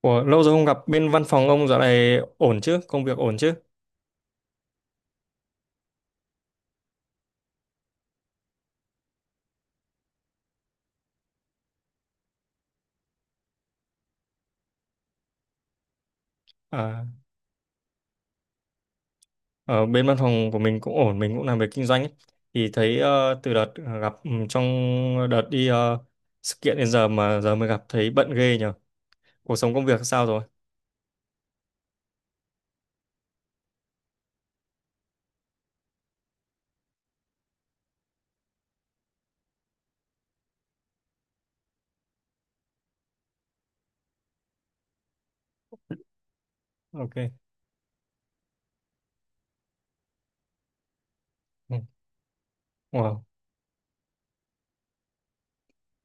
Ủa, lâu rồi không gặp bên văn phòng ông dạo này ổn chứ? Công việc ổn chứ? À, ở bên văn phòng của mình cũng ổn, mình cũng làm việc kinh doanh ấy. Thì thấy từ đợt gặp trong đợt đi sự kiện đến giờ mà giờ mới gặp thấy bận ghê nhờ. Cuộc sống công việc sao rồi? Ok. Ừ. Wow.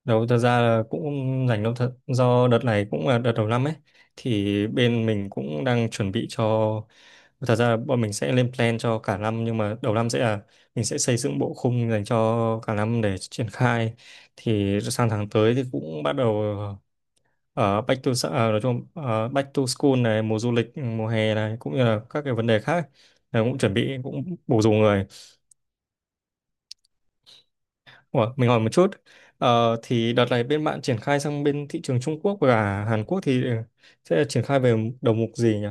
Đâu, thật ra là cũng không rảnh đâu thật, do đợt này cũng là đợt đầu năm ấy, thì bên mình cũng đang chuẩn bị cho, thật ra là bọn mình sẽ lên plan cho cả năm, nhưng mà đầu năm sẽ là mình sẽ xây dựng bộ khung dành cho cả năm để triển khai. Thì sang tháng tới thì cũng bắt đầu ở back to s- à, nói chung back to school này, mùa du lịch mùa hè này, cũng như là các cái vấn đề khác ấy, là cũng chuẩn bị cũng bổ dùng người. Ủa, mình hỏi một chút. Ờ, thì đợt này bên bạn triển khai sang bên thị trường Trung Quốc và Hàn Quốc thì sẽ triển khai về đầu mục gì nhỉ?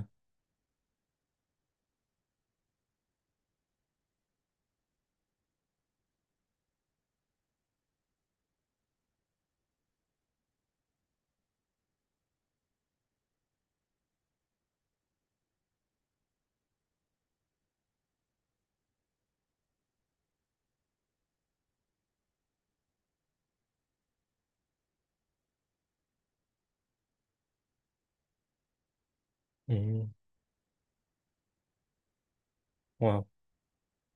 Ừ. Wow.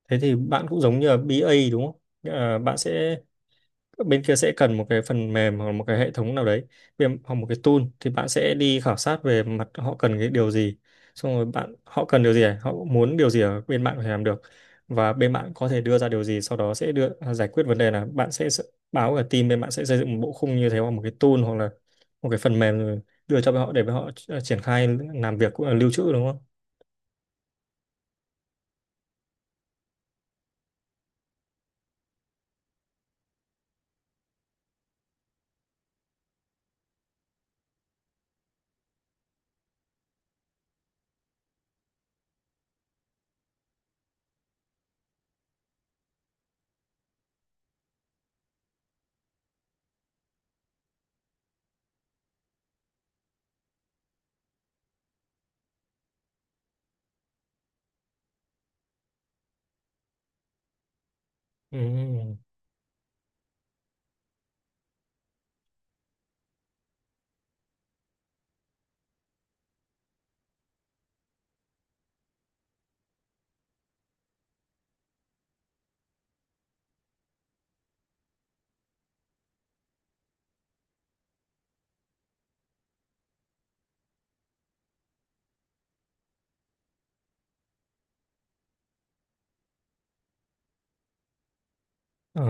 Thế thì bạn cũng giống như là BA đúng không? Nghĩa là bạn sẽ, bên kia sẽ cần một cái phần mềm hoặc một cái hệ thống nào đấy, hoặc một cái tool, thì bạn sẽ đi khảo sát về mặt họ cần cái điều gì, xong rồi bạn họ cần điều gì à? Họ muốn điều gì ở bên bạn có thể làm được, và bên bạn có thể đưa ra điều gì, sau đó sẽ đưa giải quyết vấn đề là bạn sẽ báo cả team bên bạn sẽ xây dựng một bộ khung như thế, hoặc một cái tool hoặc là một cái phần mềm, rồi đưa cho họ để họ triển khai làm việc cũng là lưu trữ đúng không? Ừ. Ờ,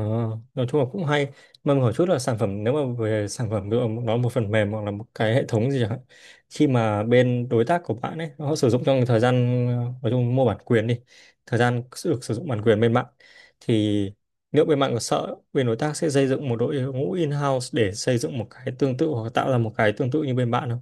nói chung là cũng hay. Mà mình hỏi chút là sản phẩm, nếu mà về sản phẩm ví dụ nó là một phần mềm hoặc là một cái hệ thống gì chẳng hạn, khi mà bên đối tác của bạn ấy họ sử dụng trong thời gian nói chung mua bản quyền đi, thời gian được sử dụng bản quyền bên bạn thì liệu bên bạn có sợ bên đối tác sẽ xây dựng một đội ngũ in-house để xây dựng một cái tương tự hoặc tạo ra một cái tương tự như bên bạn không?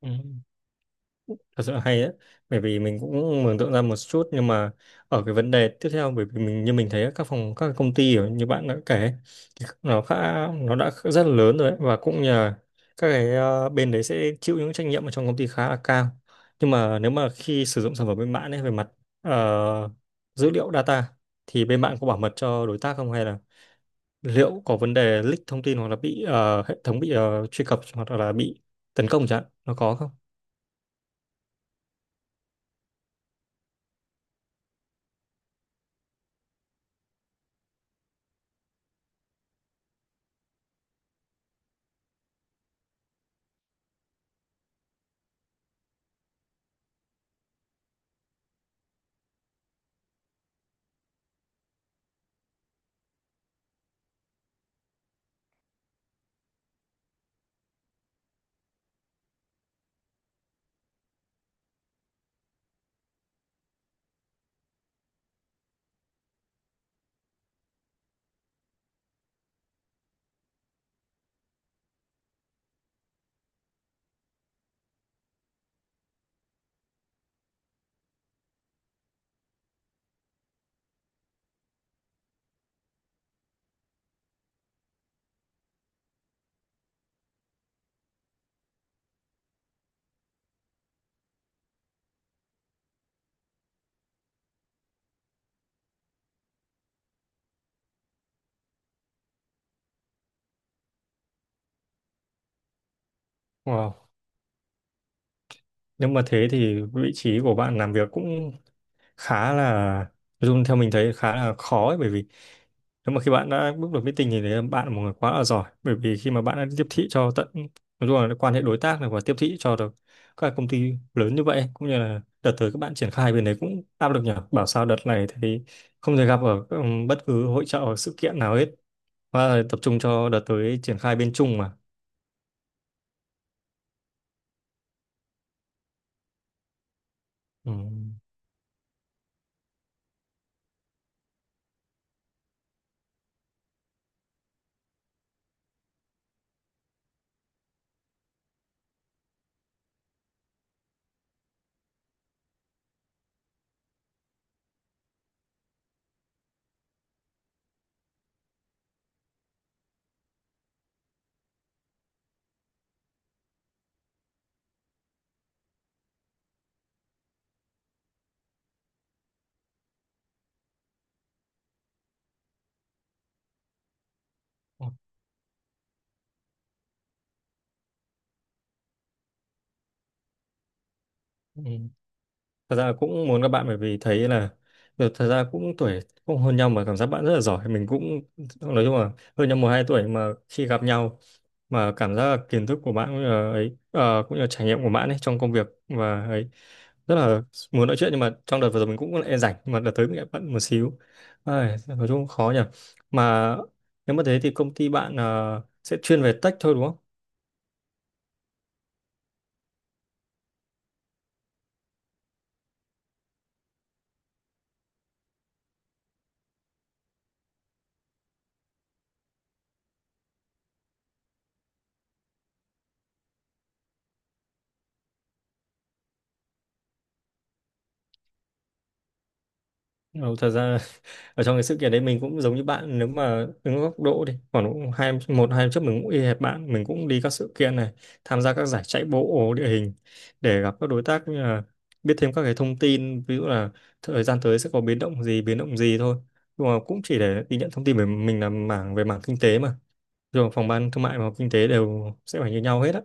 Ừ. Thật sự là hay đấy, bởi vì mình cũng mường tượng ra một chút, nhưng mà ở cái vấn đề tiếp theo, bởi vì mình như mình thấy các phòng các công ty ở- như bạn đã kể thì nó khá, nó đã rất là lớn rồi đấy, và cũng nhờ các cái bên đấy sẽ chịu những trách nhiệm ở trong công ty khá là cao, nhưng mà nếu mà khi sử dụng sản phẩm bên bạn ấy về mặt ờ, dữ liệu data, thì bên bạn có bảo mật cho đối tác không, hay là liệu có vấn đề leak thông tin, hoặc là bị hệ thống bị truy cập, hoặc là bị tấn công chẳng hạn, nó có không? Wow. Nếu mà thế thì vị trí của bạn làm việc cũng khá là, Dung theo mình thấy khá là khó ấy, bởi vì nếu mà khi bạn đã bước vào meeting thì đấy, bạn là một người quá là giỏi, bởi vì khi mà bạn đã tiếp thị cho tận, nói chung là quan hệ đối tác này, và tiếp thị cho được các công ty lớn như vậy, cũng như là đợt tới các bạn triển khai bên đấy cũng áp lực nhỉ, bảo sao đợt này thì không thể gặp ở bất cứ hội chợ hoặc sự kiện nào hết, và tập trung cho đợt tới triển khai bên Trung mà. Ừ. Ừ. Thật ra cũng muốn các bạn bởi vì thấy là được, thật ra cũng tuổi cũng hơn nhau mà cảm giác bạn rất là giỏi, mình cũng nói chung là hơn nhau một hai tuổi mà khi gặp nhau, mà cảm giác là kiến thức của bạn cũng như là ấy cũng như là trải nghiệm của bạn ấy trong công việc và ấy, rất là muốn nói chuyện, nhưng mà trong đợt vừa rồi mình cũng e rảnh, nhưng mà đợt tới mình lại bận một xíu. Ai, nói chung cũng khó nhỉ. Mà nếu mà thế thì công ty bạn sẽ chuyên về tech thôi đúng không? Ừ, thật ra ở trong cái sự kiện đấy mình cũng giống như bạn, nếu mà đứng góc độ đi khoảng cũng hai một hai năm trước, mình cũng y hệt bạn, mình cũng đi các sự kiện này, tham gia các giải chạy bộ địa hình để gặp các đối tác, như là biết thêm các cái thông tin, ví dụ là thời gian tới sẽ có biến động gì thôi, nhưng mà cũng chỉ để đi nhận thông tin về mình là mảng, về mảng kinh tế mà, rồi phòng ban thương mại và kinh tế đều sẽ phải như nhau hết á.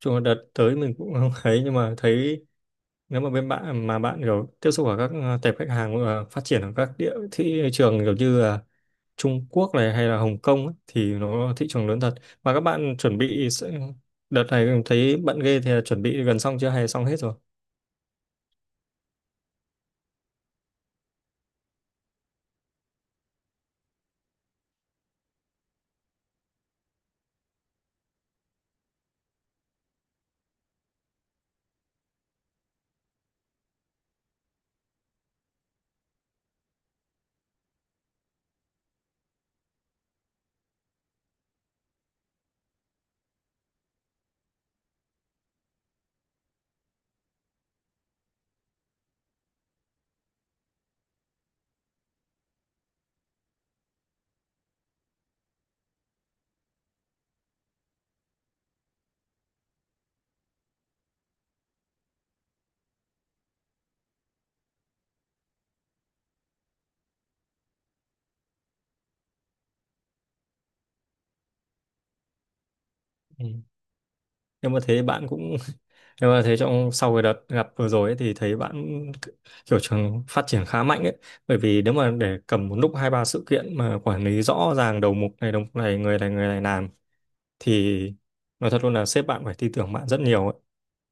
Chung là đợt tới mình cũng không thấy, nhưng mà thấy nếu mà bên bạn mà bạn kiểu tiếp xúc ở các tệp khách hàng phát triển ở các địa thị trường kiểu như là Trung Quốc này hay là Hồng Kông ấy, thì nó thị trường lớn thật, mà các bạn chuẩn bị đợt này thấy bận ghê thì là chuẩn bị gần xong chưa hay là xong hết rồi? Ừ. Nhưng mà thế bạn cũng nhưng mà thế trong sau cái đợt gặp vừa rồi ấy, thì thấy bạn kiểu trường phát triển khá mạnh ấy, bởi vì nếu mà để cầm một lúc hai ba sự kiện mà quản lý rõ ràng đầu mục này người này người này làm, thì nói thật luôn là sếp bạn phải tin tưởng bạn rất nhiều ấy.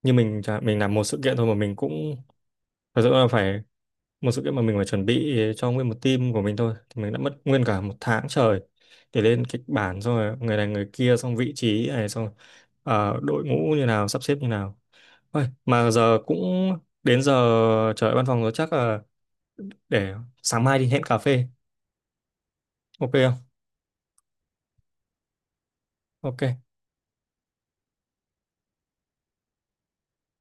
Như mình chẳng hạn, mình làm một sự kiện thôi mà mình cũng thật sự là phải, một sự kiện mà mình phải chuẩn bị cho nguyên một team của mình thôi thì mình đã mất nguyên cả một tháng trời, để lên kịch bản xong rồi người này người kia xong vị trí này xong, đội ngũ như nào sắp xếp như nào. Ôi, mà giờ cũng đến giờ trời văn phòng rồi, chắc là để sáng mai đi hẹn cà phê. Ok không? Ok.